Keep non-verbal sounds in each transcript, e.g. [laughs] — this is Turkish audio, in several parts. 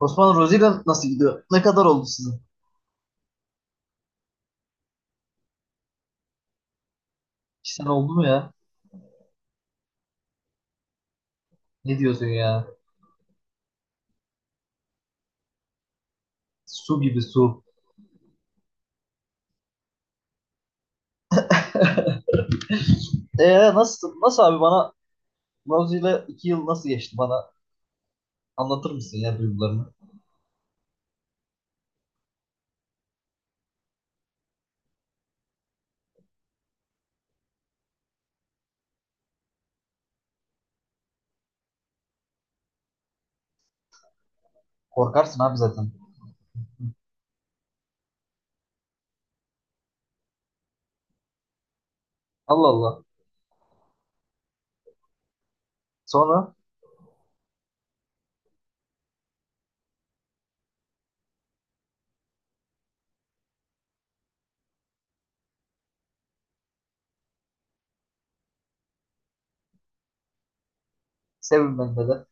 Osman Rozier, nasıl gidiyor? Ne kadar oldu sizin? 2 sene oldu mu ya? Ne diyorsun ya? Su gibi, su. Nasıl abi, bana Rozier'le 2 yıl nasıl geçti, bana anlatır mısın ya, duygularını? Korkarsın abi zaten. Allah Allah. Sonra sevim ben de.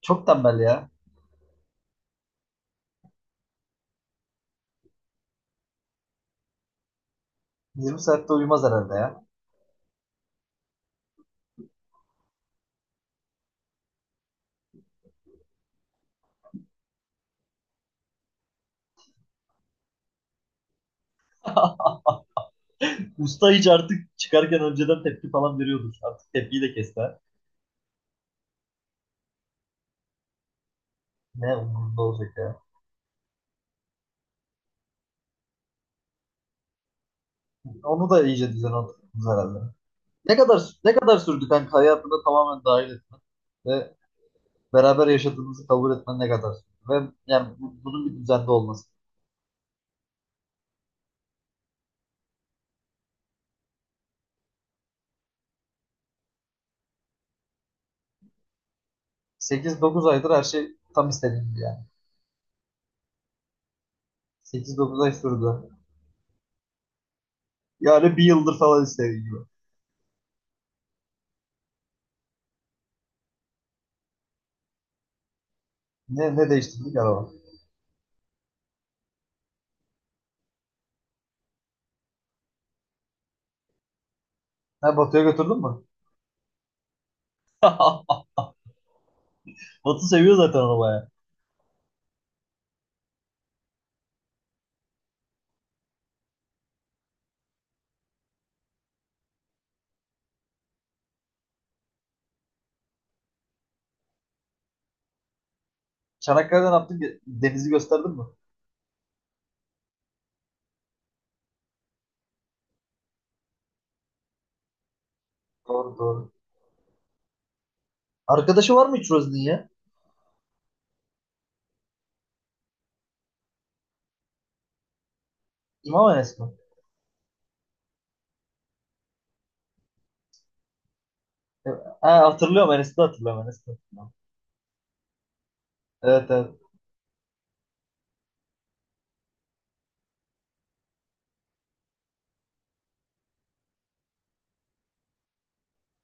Çok tembel ya. 20 saatte uyumaz herhalde ya. [laughs] Usta hiç artık çıkarken önceden tepki falan veriyordur. Artık tepkiyi de kesti ha. Ne umurunda olacak ya. Onu da iyice düzen oturttunuz herhalde. Ne kadar, ne kadar sürdü kanka hayatına tamamen dahil etmen ve beraber yaşadığınızı kabul etmen ne kadar sürdü? Ve yani bunun bir düzende olması. 8-9 aydır her şey tam istediğim gibi yani. 8-9 ay sürdü. Yani bir yıldır falan istediğim gibi. Ne değiştirdik araba? Ha, Batu'ya götürdün mü? [laughs] Batu seviyor zaten arabayı. Çanakkale'den ne yaptın ki, denizi gösterdin mi? Doğru doğru. Arkadaşı var mı hiç Rozi'nin ya? İmam Enes mi? E, ha, hatırlıyorum Enes'i de, hatırlıyorum Enes'i de hatırlıyorum. Evet evet.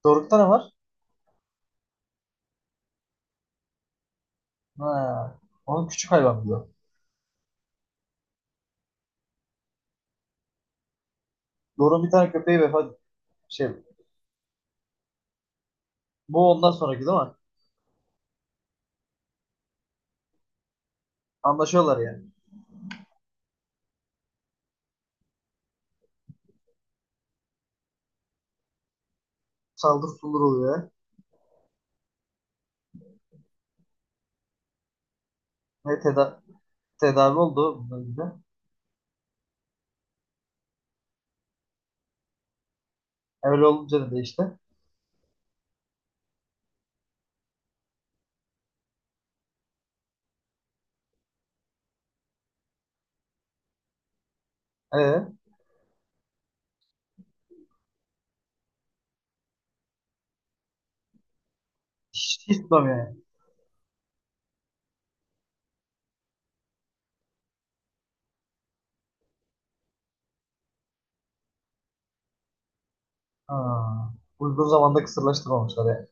Doruk'ta ne var? Ha. Onun küçük hayvan diyor. Doruk'un bir tane köpeği vefat, şey, bu ondan sonraki değil mi? Anlaşıyorlar yani. Saldır sulur oluyor. Ve tedavi oldu bundan gibi. Öyle olunca da işte. Ee, hiç tutmam yani. Ha. Uygun zamanda kısırlaştırmamışlar yani.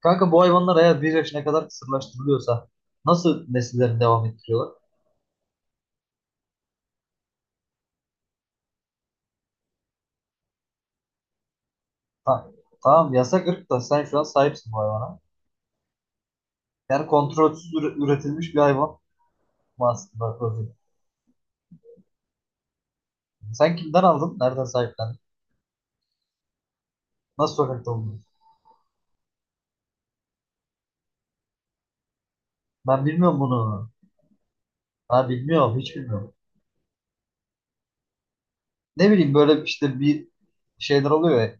Kanka, bu hayvanlar eğer bir yaşına kadar kısırlaştırılıyorsa nasıl nesillerini devam ettiriyorlar? Ta- tamam, yasak ırk da sen şu an sahipsin bu hayvana. Yani kontrolsüz üretilmiş bir hayvan. Master Project. Sen kimden aldın? Nereden sahiplendin? Nasıl sokakta oldun? Ben bilmiyorum bunu. Ha, bilmiyorum. Hiç bilmiyorum. Ne bileyim, böyle işte bir şeyler oluyor ya.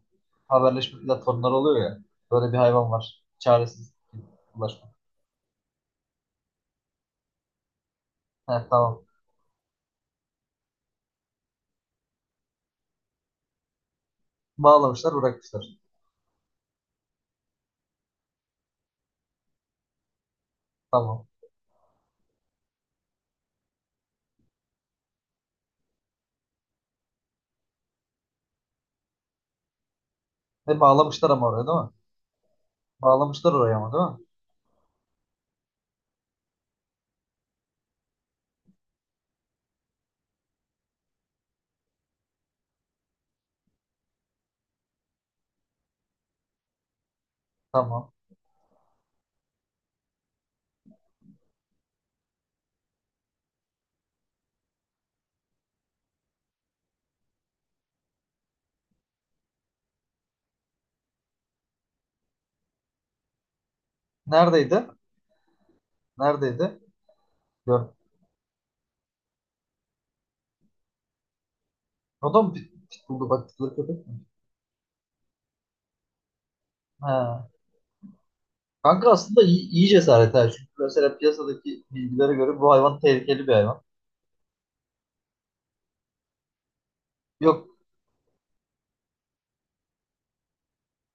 Haberleşme platformları oluyor ya. Böyle bir hayvan var. Çaresiz. Ulaşmak. He, tamam. Bağlamışlar, bırakmışlar. Tamam. E, bağlamışlar ama oraya değil mi? Bağlamışlar oraya ama değil mi? Tamam. Neredeydi? Neredeydi? Gör. O da mı pitbull'du baktıkları köpek? He. Kanka aslında iyi cesaret ha. Çünkü mesela piyasadaki bilgilere göre bu hayvan tehlikeli bir hayvan. Yok,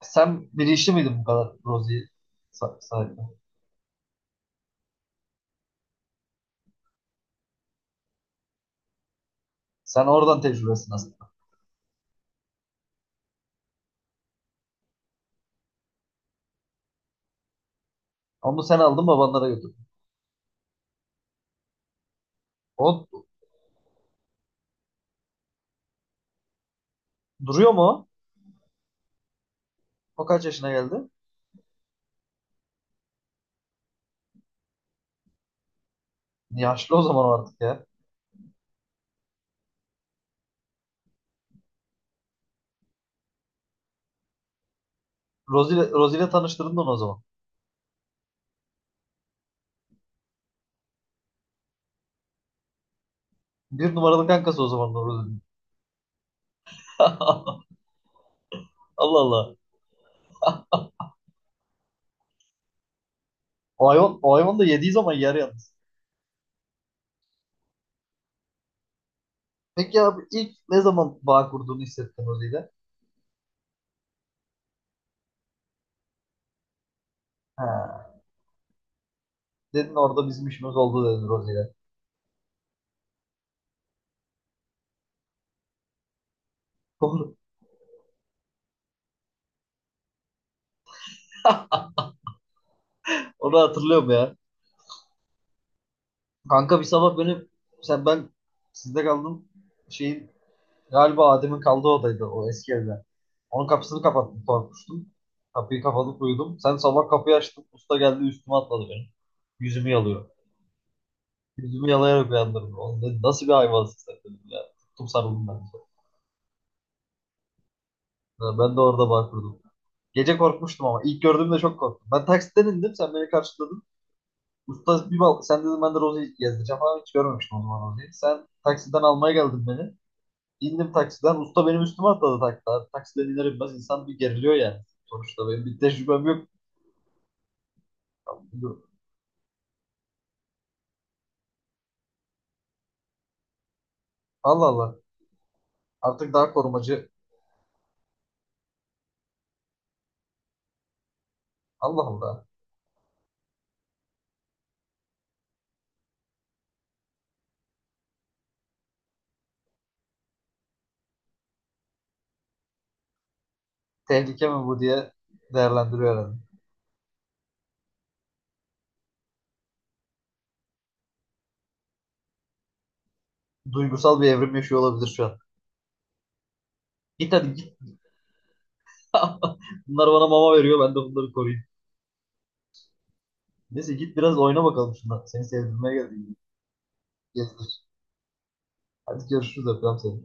sen bilinçli miydin bu kadar Rozi'yi sahiplen? Sen oradan tecrübesin aslında. Onu sen aldın, babanlara götürdün. O duruyor mu o? O kaç yaşına geldi? Yaşlı o zaman o artık ya. Rozi'yle tanıştırdın onu o zaman. Bir numaralı kankası o zaman da Rozi'nin. [laughs] Allah Allah. O hayvan, o hayvan da yediği zaman yer yalnız. Peki abi, ilk ne zaman bağ kurduğunu hissettin Rozi'yle? Ha, dedin orada bizim işimiz oldu dedin Rozi'yle. Onu, onu hatırlıyorum ya. Kanka bir sabah beni, sen ben, sizde kaldım. Şeyin, galiba Adem'in kaldığı odaydı o eski evde. Onun kapısını kapattım, korkmuştum. Kapıyı kapatıp uyudum. Sen sabah kapıyı açtın. Usta geldi, üstüme atladı benim. Yüzümü yalıyor. Yüzümü yalayarak uyandırdı. Oğlum dedi, nasıl bir hayvansın sen dedim ya. Tuttum sarıldım ben de. Ya, ben de orada bağ kurdum. Gece korkmuştum ama ilk gördüğümde çok korktum. Ben taksiden indim, sen beni karşıladın. Usta bir bal sen dedim, ben de Rozi'yi gezdireceğim ama hiç görmemiştim o zaman Rozi'yi. Sen taksiden almaya geldin beni. İndim taksiden. Usta benim üstüme atladı, takla. Taksiden iner inmez insan bir geriliyor yani. Sonuçta benim bir tecrübem yok. Allah Allah. Artık daha korumacı. Allah Allah. Tehlike mi bu diye değerlendiriyor herhalde. Duygusal bir evrim yaşıyor olabilir şu an. Git hadi git. Bunlar bana mama veriyor. Ben de bunları koruyayım. Neyse git, biraz oyna bakalım şundan. Seni sevdirmeye geldim. Gezdir. Hadi görüşürüz. Öpüyorum seni.